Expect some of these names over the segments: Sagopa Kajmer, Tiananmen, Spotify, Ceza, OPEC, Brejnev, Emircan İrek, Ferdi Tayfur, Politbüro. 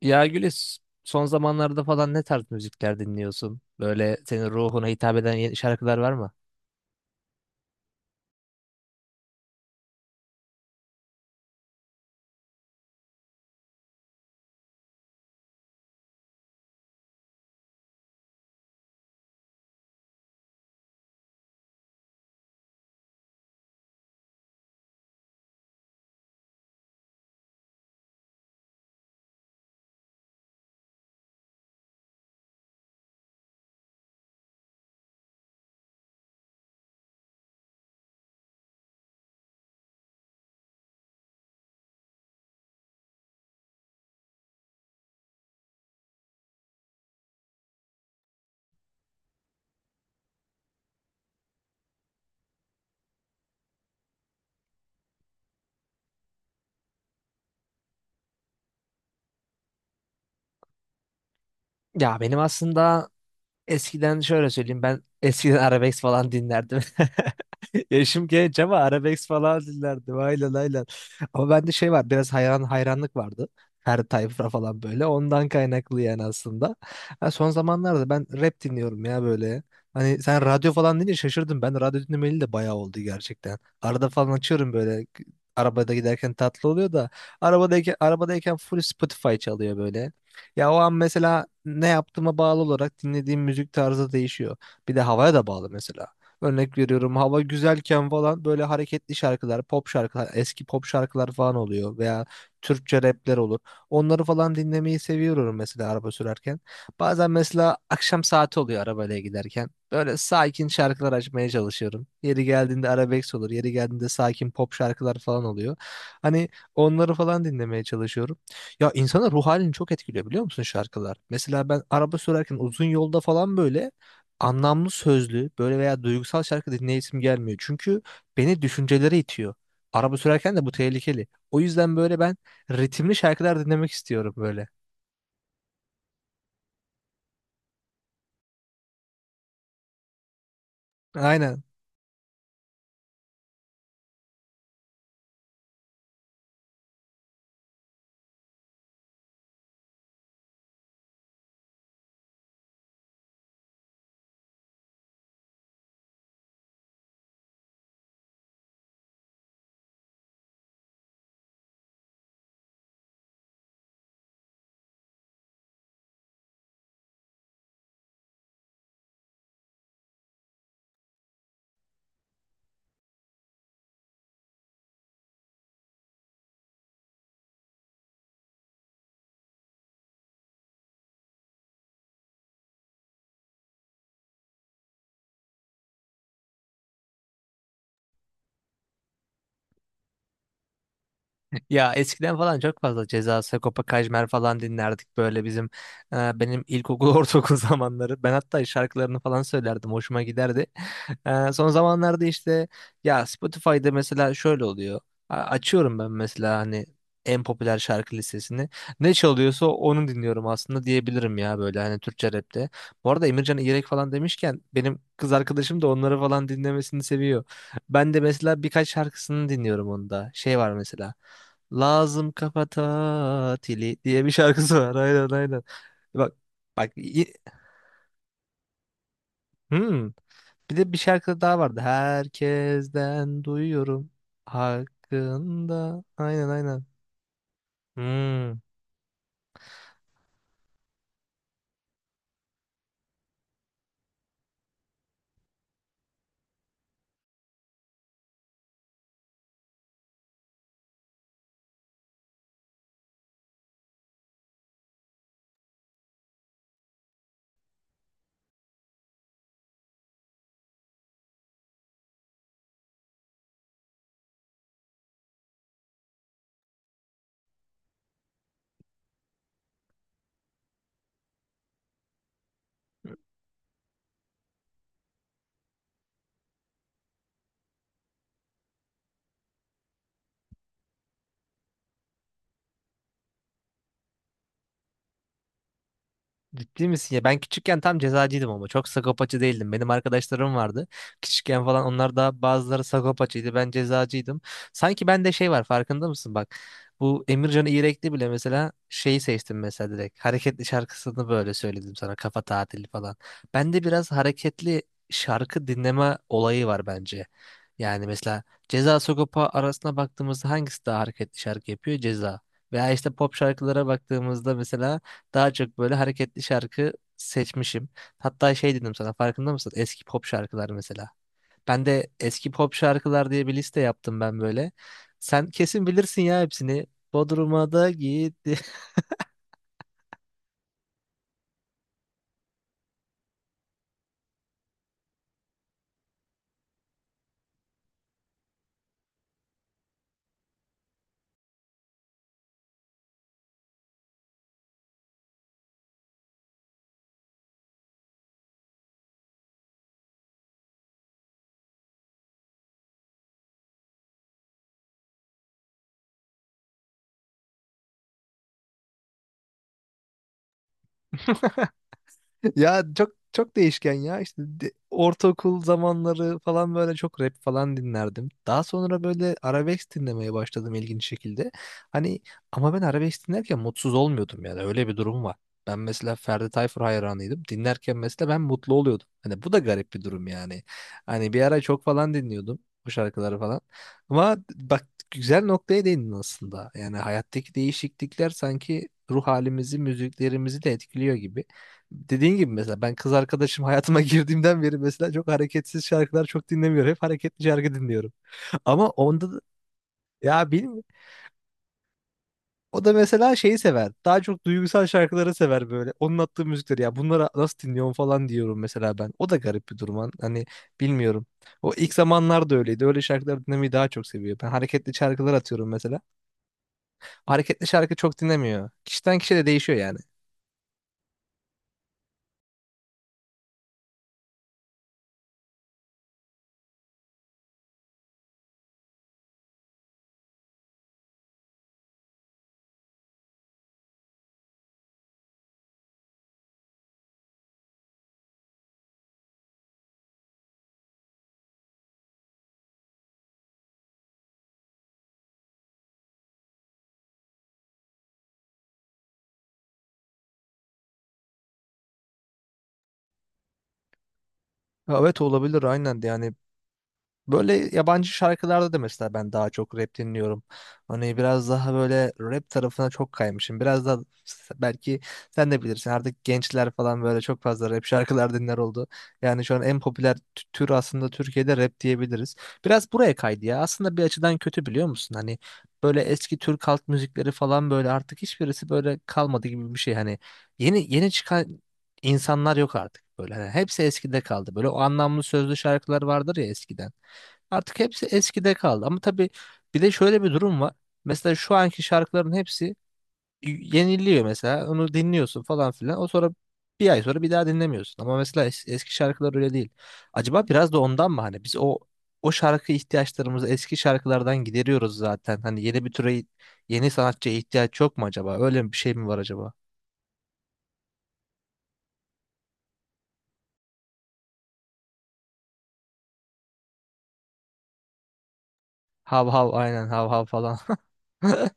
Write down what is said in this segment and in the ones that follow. Ya Gülis, son zamanlarda falan ne tarz müzikler dinliyorsun? Böyle senin ruhuna hitap eden yeni şarkılar var mı? Ya benim aslında eskiden şöyle söyleyeyim, ben eskiden arabesk falan dinlerdim. Yaşım genç ama arabesk falan dinlerdim. Aynen, aynen. Ama bende şey var, biraz hayran hayranlık vardı. Her tayfa falan böyle. Ondan kaynaklı yani aslında. Ha, son zamanlarda ben rap dinliyorum ya böyle. Hani sen radyo falan deyince şaşırdım. Ben radyo dinlemeli de bayağı oldu gerçekten. Arada falan açıyorum böyle. Arabada giderken tatlı oluyor da arabadayken full Spotify çalıyor böyle. Ya o an mesela ne yaptığıma bağlı olarak dinlediğim müzik tarzı değişiyor. Bir de havaya da bağlı mesela. Örnek veriyorum, hava güzelken falan böyle hareketli şarkılar, pop şarkılar, eski pop şarkılar falan oluyor veya Türkçe rapler olur. Onları falan dinlemeyi seviyorum mesela araba sürerken. Bazen mesela akşam saati oluyor arabayla giderken. Böyle sakin şarkılar açmaya çalışıyorum. Yeri geldiğinde arabesk olur, yeri geldiğinde sakin pop şarkılar falan oluyor. Hani onları falan dinlemeye çalışıyorum. Ya insanın ruh halini çok etkiliyor biliyor musun şarkılar? Mesela ben araba sürerken uzun yolda falan böyle anlamlı sözlü böyle veya duygusal şarkı dinleyesim gelmiyor. Çünkü beni düşüncelere itiyor. Araba sürerken de bu tehlikeli. O yüzden böyle ben ritimli şarkılar dinlemek istiyorum böyle. Aynen. Ya eskiden falan çok fazla Ceza, Sagopa Kajmer falan dinlerdik böyle bizim benim ilkokul ortaokul zamanları. Ben hatta şarkılarını falan söylerdim, hoşuma giderdi. Son zamanlarda işte ya Spotify'da mesela şöyle oluyor. Açıyorum ben mesela hani en popüler şarkı listesini. Ne çalıyorsa onu dinliyorum aslında diyebilirim ya böyle hani Türkçe rapte. Bu arada Emircan İrek falan demişken benim kız arkadaşım da onları falan dinlemesini seviyor. Ben de mesela birkaç şarkısını dinliyorum onda. Şey var mesela. Lazım kafa tatili diye bir şarkısı var. Aynen, aynen. Bak, bak. Hmm. Bir de bir şarkı daha vardı. Herkesten duyuyorum hakkında. Aynen, aynen. Hmm. Ciddi misin ya? Ben küçükken tam cezacıydım ama çok sakopacı değildim. Benim arkadaşlarım vardı. Küçükken falan onlar da bazıları sakopacıydı. Ben cezacıydım. Sanki bende şey var, farkında mısın bak. Bu Emircan İğrekli bile mesela şeyi seçtim mesela direkt. Hareketli şarkısını böyle söyledim sana, kafa tatili falan. Bende biraz hareketli şarkı dinleme olayı var bence. Yani mesela Ceza Sagopa arasına baktığımızda hangisi daha hareketli şarkı yapıyor? Ceza. Veya işte pop şarkılara baktığımızda mesela daha çok böyle hareketli şarkı seçmişim. Hatta şey dedim sana, farkında mısın? Eski pop şarkılar mesela. Ben de eski pop şarkılar diye bir liste yaptım ben böyle. Sen kesin bilirsin ya hepsini. Bodrum'a da gitti. Ya çok çok değişken ya işte, ortaokul zamanları falan böyle çok rap falan dinlerdim. Daha sonra böyle arabesk dinlemeye başladım ilginç şekilde. Hani ama ben arabesk dinlerken mutsuz olmuyordum, yani öyle bir durum var. Ben mesela Ferdi Tayfur hayranıydım. Dinlerken mesela ben mutlu oluyordum. Hani bu da garip bir durum yani. Hani bir ara çok falan dinliyordum bu şarkıları falan. Ama bak, güzel noktaya değindin aslında. Yani hayattaki değişiklikler sanki ruh halimizi, müziklerimizi de etkiliyor gibi. Dediğin gibi mesela ben kız arkadaşım hayatıma girdiğimden beri mesela çok hareketsiz şarkılar çok dinlemiyorum. Hep hareketli şarkı dinliyorum. Ama onda da, ya bilmiyorum. O da mesela şeyi sever. Daha çok duygusal şarkıları sever böyle. Onun attığı müzikleri ya bunlara nasıl dinliyorum falan diyorum mesela ben. O da garip bir durum. Hani bilmiyorum. O ilk zamanlar da öyleydi. Öyle şarkıları dinlemeyi daha çok seviyor. Ben hareketli şarkılar atıyorum mesela. Hareketli şarkı çok dinlemiyor. Kişiden kişiye de değişiyor yani. Ha, evet, olabilir aynen de yani böyle yabancı şarkılarda da mesela ben daha çok rap dinliyorum. Hani biraz daha böyle rap tarafına çok kaymışım. Biraz da belki sen de bilirsin, artık gençler falan böyle çok fazla rap şarkılar dinler oldu. Yani şu an en popüler tür aslında Türkiye'de rap diyebiliriz. Biraz buraya kaydı ya. Aslında bir açıdan kötü, biliyor musun? Hani böyle eski Türk halk müzikleri falan böyle artık hiçbirisi böyle kalmadı gibi bir şey. Hani yeni yeni çıkan insanlar yok artık böyle. Hani hepsi eskide kaldı. Böyle o anlamlı sözlü şarkılar vardır ya eskiden. Artık hepsi eskide kaldı. Ama tabii bir de şöyle bir durum var. Mesela şu anki şarkıların hepsi yeniliyor mesela. Onu dinliyorsun falan filan. O sonra bir ay sonra bir daha dinlemiyorsun. Ama mesela eski şarkılar öyle değil. Acaba biraz da ondan mı, hani biz o şarkı ihtiyaçlarımızı eski şarkılardan gideriyoruz zaten. Hani yeni bir türe, yeni sanatçıya ihtiyaç yok mu acaba? Öyle bir şey mi var acaba? Hav hav aynen, hav hav falan.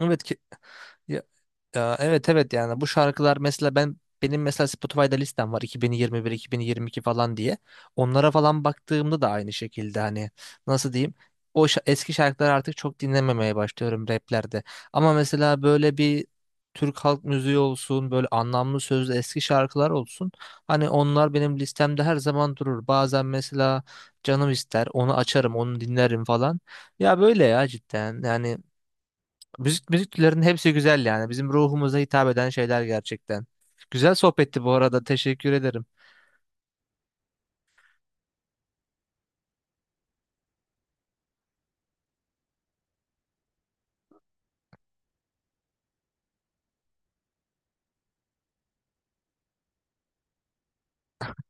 Evet ki ya evet, evet, yani bu şarkılar mesela ben benim mesela Spotify'da listem var 2021 2022 falan diye. Onlara falan baktığımda da aynı şekilde hani nasıl diyeyim? Eski şarkıları artık çok dinlememeye başlıyorum raplerde. Ama mesela böyle bir Türk halk müziği olsun, böyle anlamlı sözlü eski şarkılar olsun. Hani onlar benim listemde her zaman durur. Bazen mesela canım ister, onu açarım, onu dinlerim falan. Ya böyle ya, cidden. Yani müzik, müzik türlerinin hepsi güzel yani. Bizim ruhumuza hitap eden şeyler gerçekten. Güzel sohbetti bu arada. Teşekkür ederim.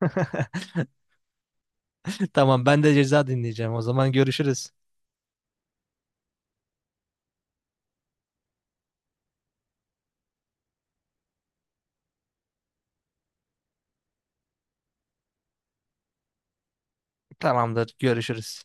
Tamam, ben de ceza dinleyeceğim. O zaman görüşürüz. Tamamdır. Görüşürüz.